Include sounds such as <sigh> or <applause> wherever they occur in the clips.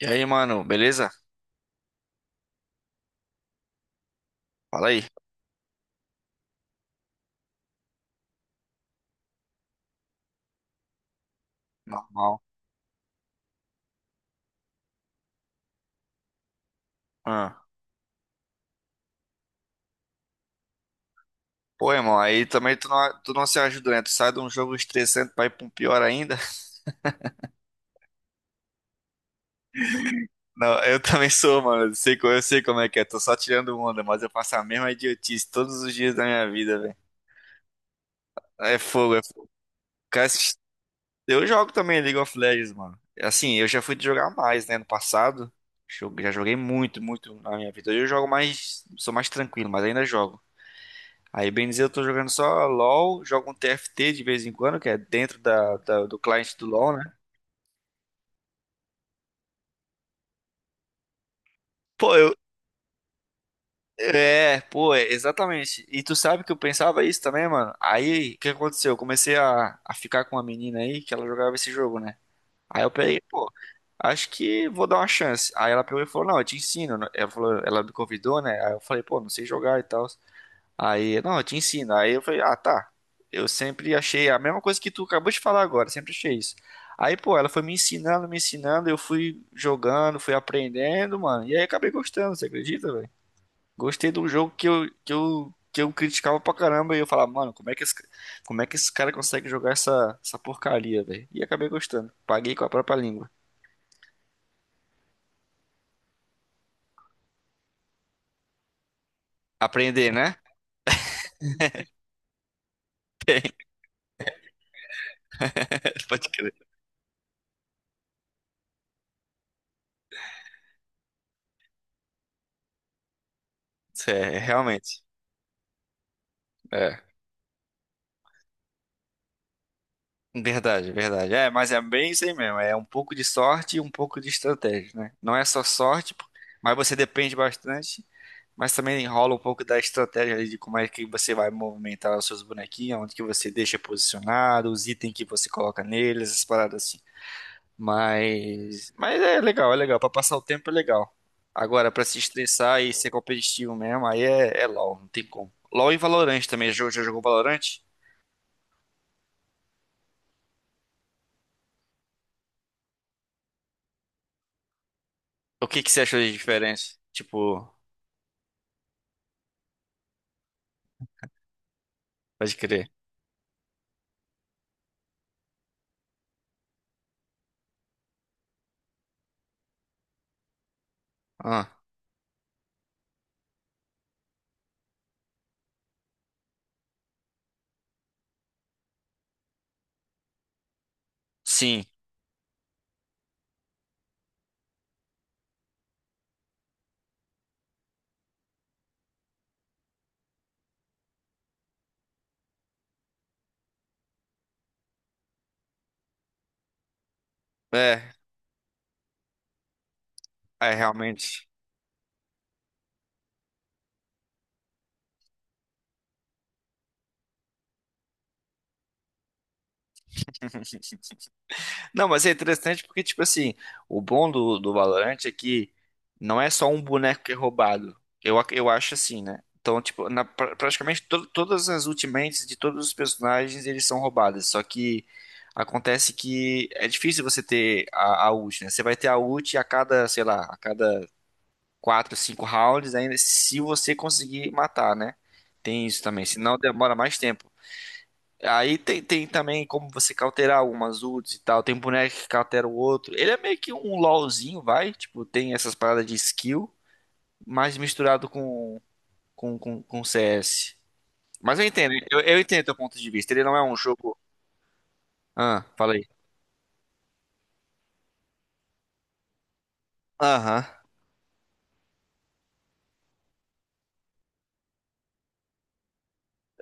E aí, mano, beleza? Fala aí. Normal. Ah. Pô, irmão, aí também tu não se ajuda, né? Tu sai de um jogo estressante pra ir pra um pior ainda. <laughs> Não, eu também sou, mano. Eu sei como é que é. Tô só tirando onda, mas eu faço a mesma idiotice todos os dias da minha vida, velho. É fogo, é fogo. Cara, esses- Eu jogo também League of Legends, mano. Assim, eu já fui jogar mais, né, no passado. Já joguei muito, muito na minha vida. Hoje eu jogo mais, sou mais tranquilo, mas ainda jogo. Aí, bem dizer, eu tô jogando só LoL, jogo um TFT de vez em quando, que é dentro do cliente do LoL, né? Pô, eu. É, pô, é, exatamente. E tu sabe que eu pensava isso também, mano. Aí, o que aconteceu? Eu comecei a ficar com uma menina aí que ela jogava esse jogo, né? Aí eu peguei, pô, acho que vou dar uma chance. Aí ela pegou e falou, não, eu te ensino. Ela falou, ela me convidou, né? Aí eu falei, pô, não sei jogar e tal. Aí, não, eu te ensino. Aí eu falei, ah, tá. Eu sempre achei a mesma coisa que tu acabou de falar agora, sempre achei isso. Aí, pô, ela foi me ensinando, eu fui jogando, fui aprendendo, mano. E aí acabei gostando, você acredita, velho? Gostei de um jogo que eu criticava pra caramba e eu falava, mano, como é que esse cara consegue jogar essa porcaria, velho? E acabei gostando. Paguei com a própria língua. Aprender, né? <laughs> Pode crer. É, realmente. É. Verdade, verdade. É, mas é bem isso aí mesmo. É um pouco de sorte e um pouco de estratégia, né? Não é só sorte, mas você depende bastante, mas também enrola um pouco da estratégia ali de como é que você vai movimentar os seus bonequinhos, onde que você deixa posicionado, os itens que você coloca neles, essas paradas assim. Mas é legal, é legal. Pra passar o tempo é legal. Agora, pra se estressar e ser competitivo mesmo, aí é, é LOL, não tem como. LOL e Valorant também. Já jogou Valorant? O que que você achou de diferença? Tipo, pode crer. Ah, sim. É, é realmente. <laughs> Não, mas é interessante porque, tipo assim, o bom do Valorant é que não é só um boneco que é roubado. Eu acho assim, né? Então, tipo, praticamente todas as ultimates de todos os personagens, eles são roubadas. Só que acontece que é difícil você ter a ult, né? Você vai ter a ult a cada, sei lá, a cada 4 5 rounds, ainda se você conseguir matar, né? Tem isso também. Senão demora mais tempo. Aí tem, tem também como você cauterar algumas ults e tal. Tem um boneco que cautera o outro. Ele é meio que um LOLzinho, vai. Tipo, tem essas paradas de skill, mas misturado com CS. Mas eu entendo, eu entendo teu ponto de vista. Ele não é um jogo. Ah, fala aí. Aham.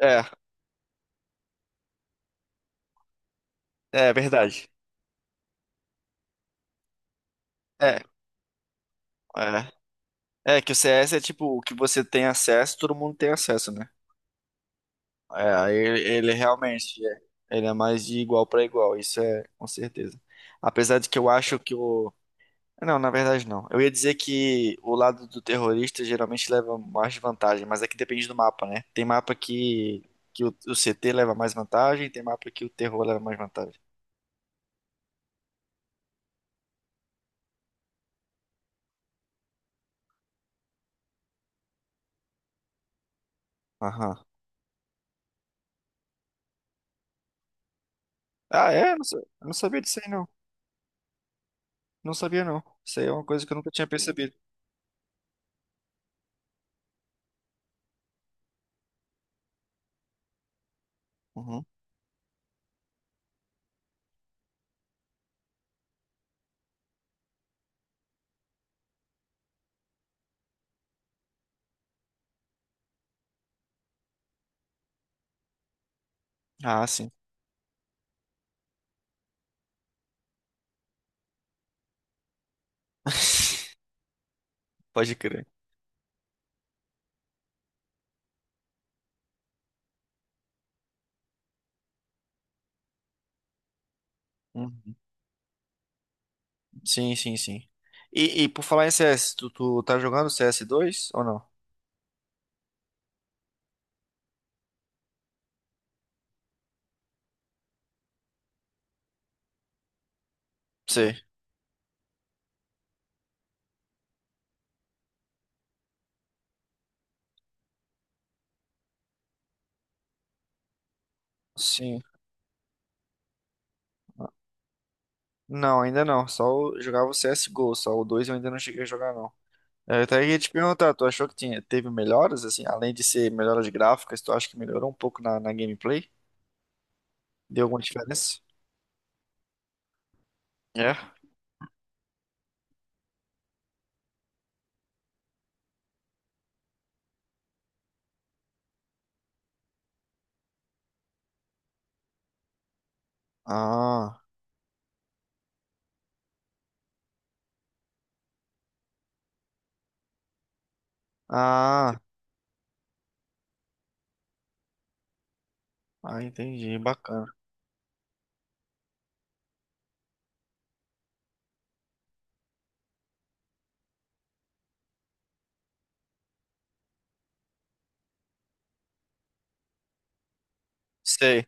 É, é verdade. É, é. É que o CS é tipo, o que você tem acesso, todo mundo tem acesso, né? É, aí ele realmente é. Ele é mais de igual pra igual, isso é com certeza. Apesar de que eu acho que o Não, na verdade não. Eu ia dizer que o lado do terrorista geralmente leva mais vantagem, mas é que depende do mapa, né? Tem mapa que o CT leva mais vantagem, tem mapa que o terror leva mais vantagem. Aham. Ah, é? Eu não sabia disso aí, não. Não sabia, não. Isso aí é uma coisa que eu nunca tinha percebido. Uhum. Ah, sim. <laughs> Pode crer. Uhum. Sim, sim, sim. E por falar em CS, tu tá jogando CS2 ou não? Sei. Sim. Não, ainda não. Só eu jogava o CSGO, só o 2 eu ainda não cheguei a jogar, não. Eu até ia te perguntar, tu achou que tinha, teve melhoras, assim, além de ser melhoras gráficas, tu acha que melhorou um pouco na gameplay? Deu alguma diferença? É? Ah, ah, entendi, bacana. Sei,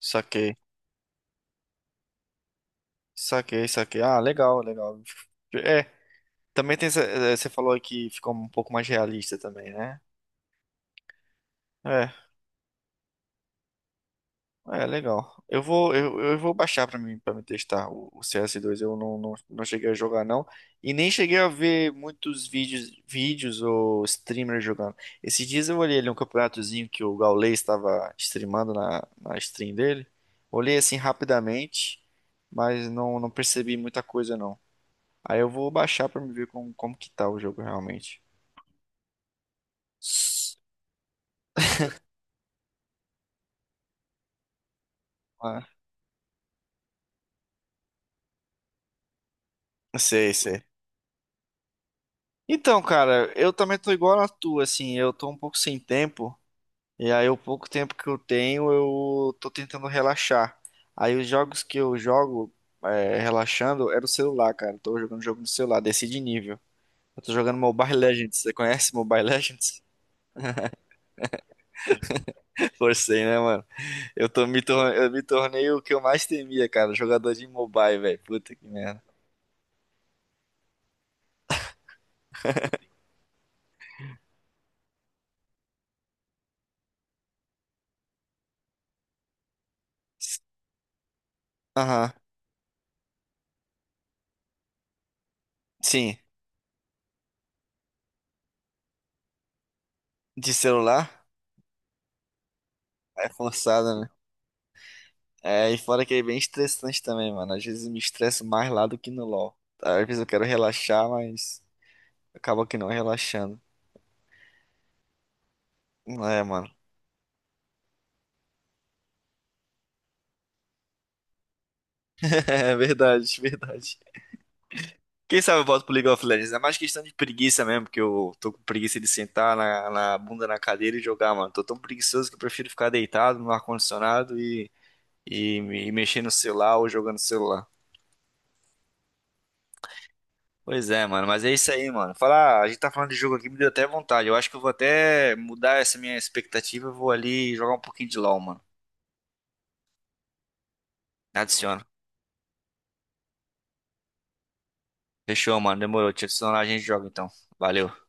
saquei, saquei, saquei. Ah, legal, legal. É, também tem, você falou aí que ficou um pouco mais realista também, né? É. É, legal. Eu vou baixar pra mim, para me testar o CS2. Eu não cheguei a jogar, não. E nem cheguei a ver muitos vídeos, vídeos ou streamers jogando. Esses dias eu olhei ali um campeonatozinho que o Gaules estava streamando na stream dele. Olhei assim rapidamente, mas não, não percebi muita coisa, não. Aí eu vou baixar pra me ver como, como que tá o jogo realmente. Ah, sei, sei. Então, cara, eu também tô igual a tua, assim, eu tô um pouco sem tempo. E aí, o pouco tempo que eu tenho, eu tô tentando relaxar. Aí, os jogos que eu jogo é, relaxando é no celular, cara. Eu tô jogando jogo no celular, desci de nível. Eu tô jogando Mobile Legends. Você conhece Mobile Legends? <laughs> Forcei, né, mano? Eu me tornei o que eu mais temia, cara. Jogador de mobile, velho. Puta que merda. Aham. Sim. De celular? É forçada, né? É, e fora que é bem estressante também, mano. Às vezes eu me estresso mais lá do que no LoL. Tá? Às vezes eu quero relaxar, mas. Acaba que não relaxando. Não é, mano. <laughs> É verdade, verdade. Quem sabe eu volto pro League of Legends. É mais questão de preguiça mesmo, porque eu tô com preguiça de sentar na bunda na cadeira e jogar, mano. Tô tão preguiçoso que eu prefiro ficar deitado no ar-condicionado e, e mexer no celular ou jogando no celular. Pois é, mano. Mas é isso aí, mano. Falar, a gente tá falando de jogo aqui, me deu até vontade. Eu acho que eu vou até mudar essa minha expectativa. Eu vou ali jogar um pouquinho de LoL, mano. Adiciona. Fechou, mano. Demorou. Te adicionar, a gente joga então. Valeu.